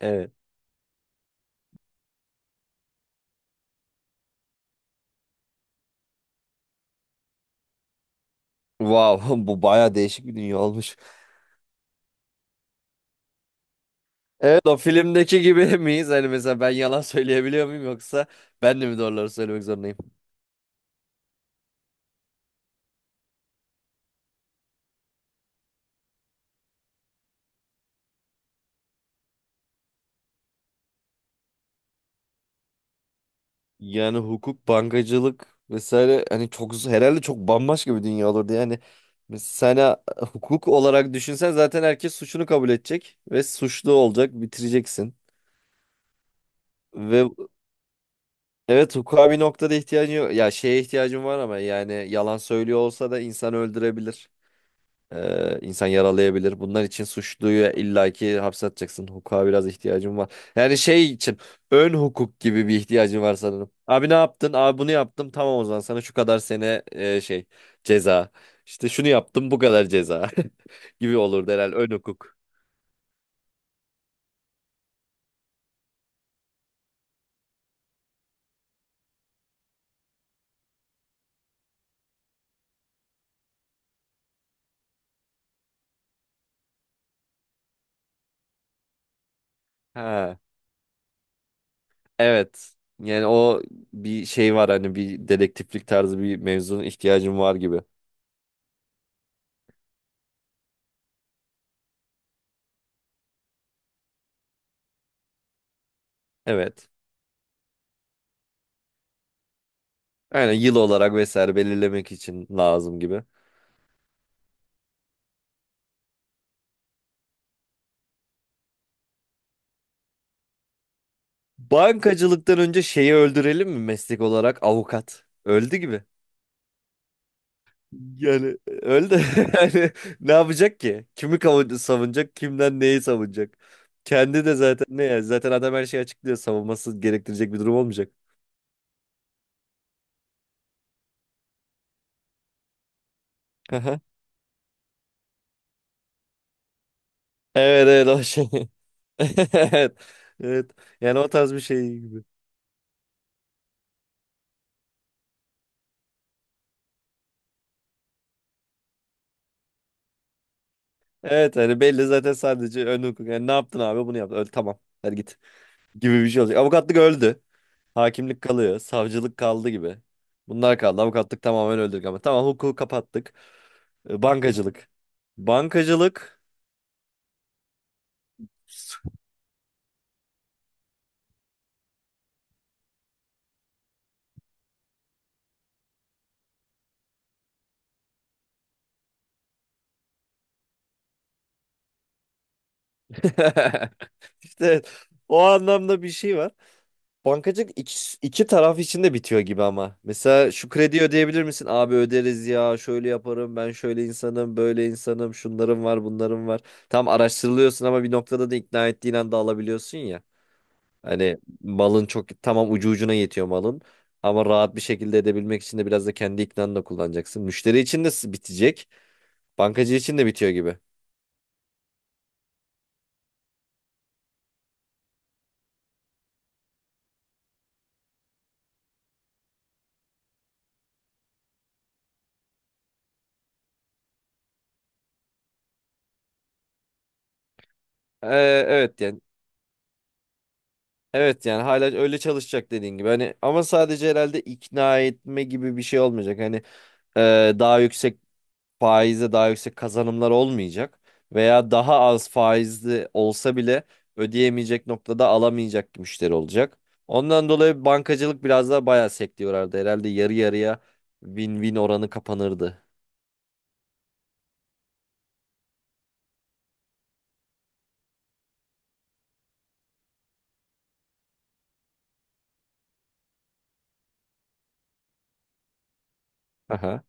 Evet. Wow, bu baya değişik bir dünya olmuş. Evet, o filmdeki gibi miyiz? Hani mesela ben yalan söyleyebiliyor muyum yoksa ben de mi doğruları söylemek zorundayım? Yani hukuk, bankacılık vesaire hani çok herhalde çok bambaşka bir dünya olurdu yani. Mesela sen hukuk olarak düşünsen zaten herkes suçunu kabul edecek ve suçlu olacak, bitireceksin. Ve evet, hukuka bir noktada ihtiyacın yok. Ya şeye ihtiyacın var ama yani yalan söylüyor olsa da insan öldürebilir. İnsan yaralayabilir. Bunlar için suçluyu illaki hapse atacaksın. Hukuka biraz ihtiyacım var. Yani şey için ön hukuk gibi bir ihtiyacım var sanırım. Abi ne yaptın? Abi bunu yaptım. Tamam o zaman sana şu kadar sene şey ceza. İşte şunu yaptım bu kadar ceza gibi olurdu herhalde ön hukuk. Ha, evet. Yani o bir şey var hani bir dedektiflik tarzı bir mevzunun ihtiyacım var gibi. Evet. Yani yıl olarak vesaire belirlemek için lazım gibi. Bankacılıktan önce şeyi öldürelim mi meslek olarak avukat? Öldü gibi. Yani öldü. Yani ne yapacak ki? Kimi savunacak? Kimden neyi savunacak? Kendi de zaten ne ya? Zaten adam her şeyi açıklıyor. Savunması gerektirecek bir durum olmayacak. Aha. Evet, evet, o şey. Evet. Evet. Yani o tarz bir şey gibi. Evet hani belli zaten sadece ön hukuk. Yani ne yaptın abi bunu yaptın. Öyle, tamam. Hadi git. Gibi bir şey olacak. Avukatlık öldü. Hakimlik kalıyor. Savcılık kaldı gibi. Bunlar kaldı. Avukatlık tamamen öldürdük ama. Tamam hukuku kapattık. Bankacılık. Bankacılık. İşte o anlamda bir şey var. Bankacılık iki, iki taraf için de bitiyor gibi ama. Mesela şu kredi ödeyebilir misin? Abi öderiz ya. Şöyle yaparım. Ben şöyle insanım. Böyle insanım. Şunlarım var. Bunlarım var. Tam araştırılıyorsun ama bir noktada da ikna ettiğin anda alabiliyorsun ya. Hani malın çok tamam ucu ucuna yetiyor malın. Ama rahat bir şekilde edebilmek için de biraz da kendi iknanı da kullanacaksın. Müşteri için de bitecek. Bankacı için de bitiyor gibi. Ee, evet yani. Evet yani hala öyle çalışacak dediğin gibi. Hani ama sadece herhalde ikna etme gibi bir şey olmayacak. Hani daha yüksek faize daha yüksek kazanımlar olmayacak veya daha az faizli olsa bile ödeyemeyecek noktada alamayacak müşteri olacak. Ondan dolayı bankacılık biraz daha bayağı sektörlerdi. Herhalde yarı yarıya win-win oranı kapanırdı. Aha.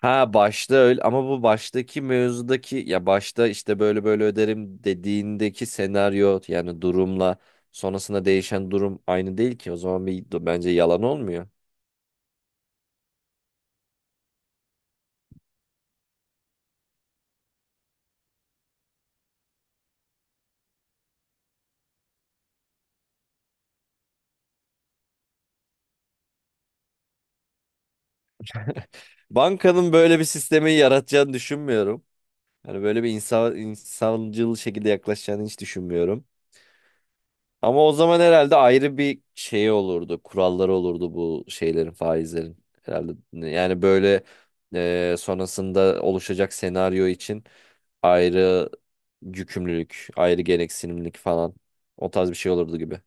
Ha başta öyle ama bu baştaki mevzudaki ya başta işte böyle böyle öderim dediğindeki senaryo yani durumla sonrasında değişen durum aynı değil ki. O zaman bir bence yalan olmuyor. Bankanın böyle bir sistemi yaratacağını düşünmüyorum. Yani böyle bir insan, insancıl şekilde yaklaşacağını hiç düşünmüyorum. Ama o zaman herhalde ayrı bir şey olurdu. Kuralları olurdu bu şeylerin, faizlerin. Herhalde yani böyle sonrasında oluşacak senaryo için ayrı yükümlülük, ayrı gereksinimlik falan. O tarz bir şey olurdu gibi.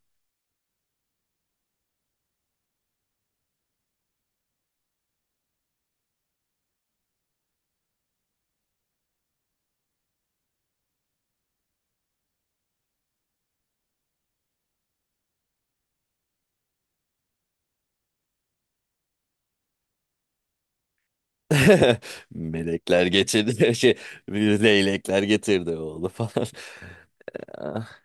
Melekler getirdi şey leylekler getirdi oğlu falan.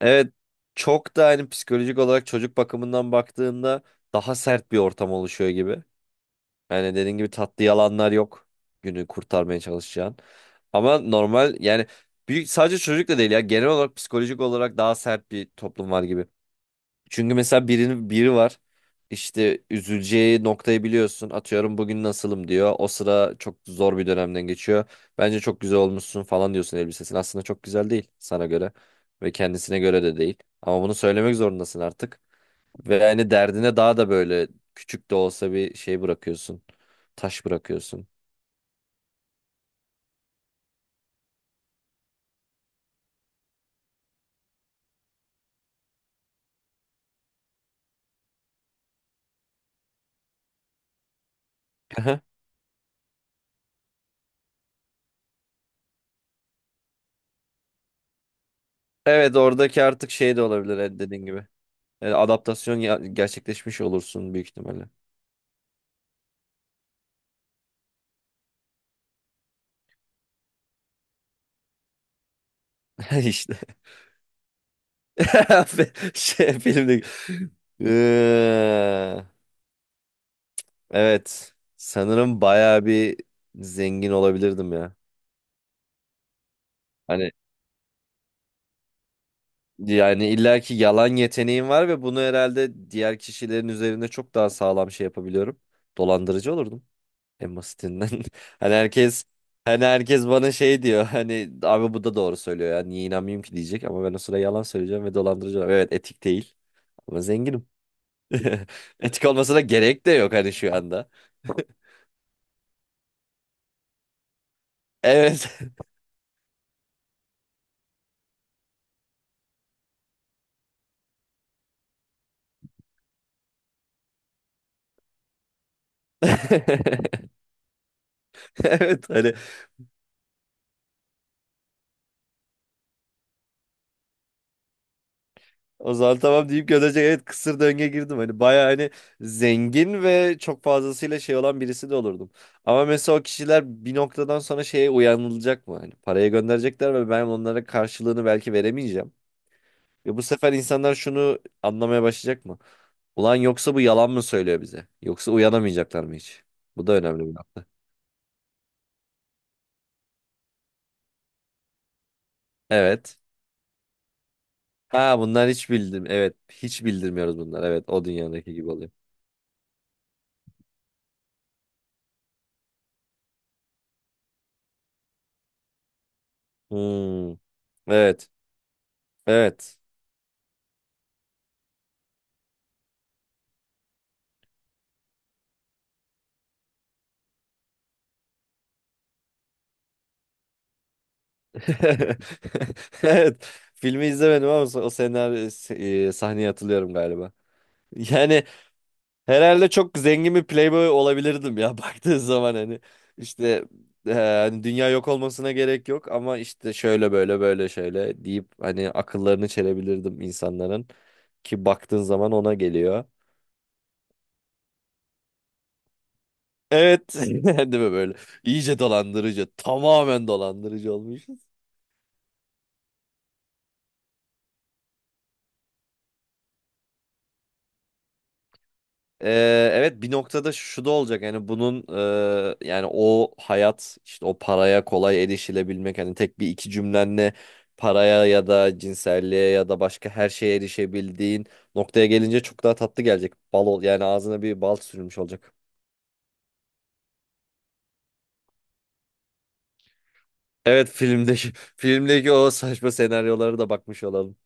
Evet, çok da hani psikolojik olarak çocuk bakımından baktığında daha sert bir ortam oluşuyor gibi. Yani dediğin gibi tatlı yalanlar yok günü kurtarmaya çalışacağın. Ama normal yani büyük, sadece çocukla değil ya genel olarak psikolojik olarak daha sert bir toplum var gibi. Çünkü mesela biri var. İşte üzüleceği noktayı biliyorsun. Atıyorum bugün nasılım diyor. O sıra çok zor bir dönemden geçiyor. Bence çok güzel olmuşsun falan diyorsun elbisesine. Aslında çok güzel değil sana göre ve kendisine göre de değil. Ama bunu söylemek zorundasın artık. Ve yani derdine daha da böyle küçük de olsa bir şey bırakıyorsun. Taş bırakıyorsun. Aha. Evet oradaki artık şey de olabilir, evet, dediğin gibi. Yani adaptasyon gerçekleşmiş olursun büyük ihtimalle. İşte. Şey filmde. Ee, evet. Sanırım bayağı bir zengin olabilirdim ya. Hani yani illaki yalan yeteneğim var ve bunu herhalde diğer kişilerin üzerinde çok daha sağlam şey yapabiliyorum. Dolandırıcı olurdum en basitinden. Hani herkes hani herkes bana şey diyor. Hani abi bu da doğru söylüyor ya. Niye inanmayayım ki diyecek ama ben o sıra yalan söyleyeceğim ve dolandırıcı olacağım. Evet etik değil ama zenginim. Etik olmasına gerek de yok hani şu anda. Evet. Evet hani o zaman tamam deyip gönderecek. Evet kısır döngüye girdim. Hani baya hani zengin ve çok fazlasıyla şey olan birisi de olurdum. Ama mesela o kişiler bir noktadan sonra şeye uyanılacak mı? Hani paraya gönderecekler ve ben onlara karşılığını belki veremeyeceğim. Ve bu sefer insanlar şunu anlamaya başlayacak mı? Ulan yoksa bu yalan mı söylüyor bize? Yoksa uyanamayacaklar mı hiç? Bu da önemli bir nokta. Evet. Ha bunlar hiç bildim. Evet. Hiç bildirmiyoruz bunlar. Evet. O dünyadaki gibi oluyor. Hmm, evet. Evet. Evet. Filmi izlemedim ama o senaryo sahneye hatırlıyorum galiba. Yani herhalde çok zengin bir playboy olabilirdim ya baktığın zaman hani işte hani dünya yok olmasına gerek yok ama işte şöyle böyle böyle şöyle deyip hani akıllarını çelebilirdim insanların ki baktığın zaman ona geliyor. Evet. Değil mi böyle? İyice dolandırıcı. Tamamen dolandırıcı olmuşuz. Evet bir noktada şu da olacak yani bunun yani o hayat işte o paraya kolay erişilebilmek hani tek bir iki cümlenle paraya ya da cinselliğe ya da başka her şeye erişebildiğin noktaya gelince çok daha tatlı gelecek. Bal ol yani ağzına bir bal sürülmüş olacak. Evet filmdeki filmdeki o saçma senaryolara da bakmış olalım.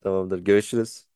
Tamamdır görüşürüz.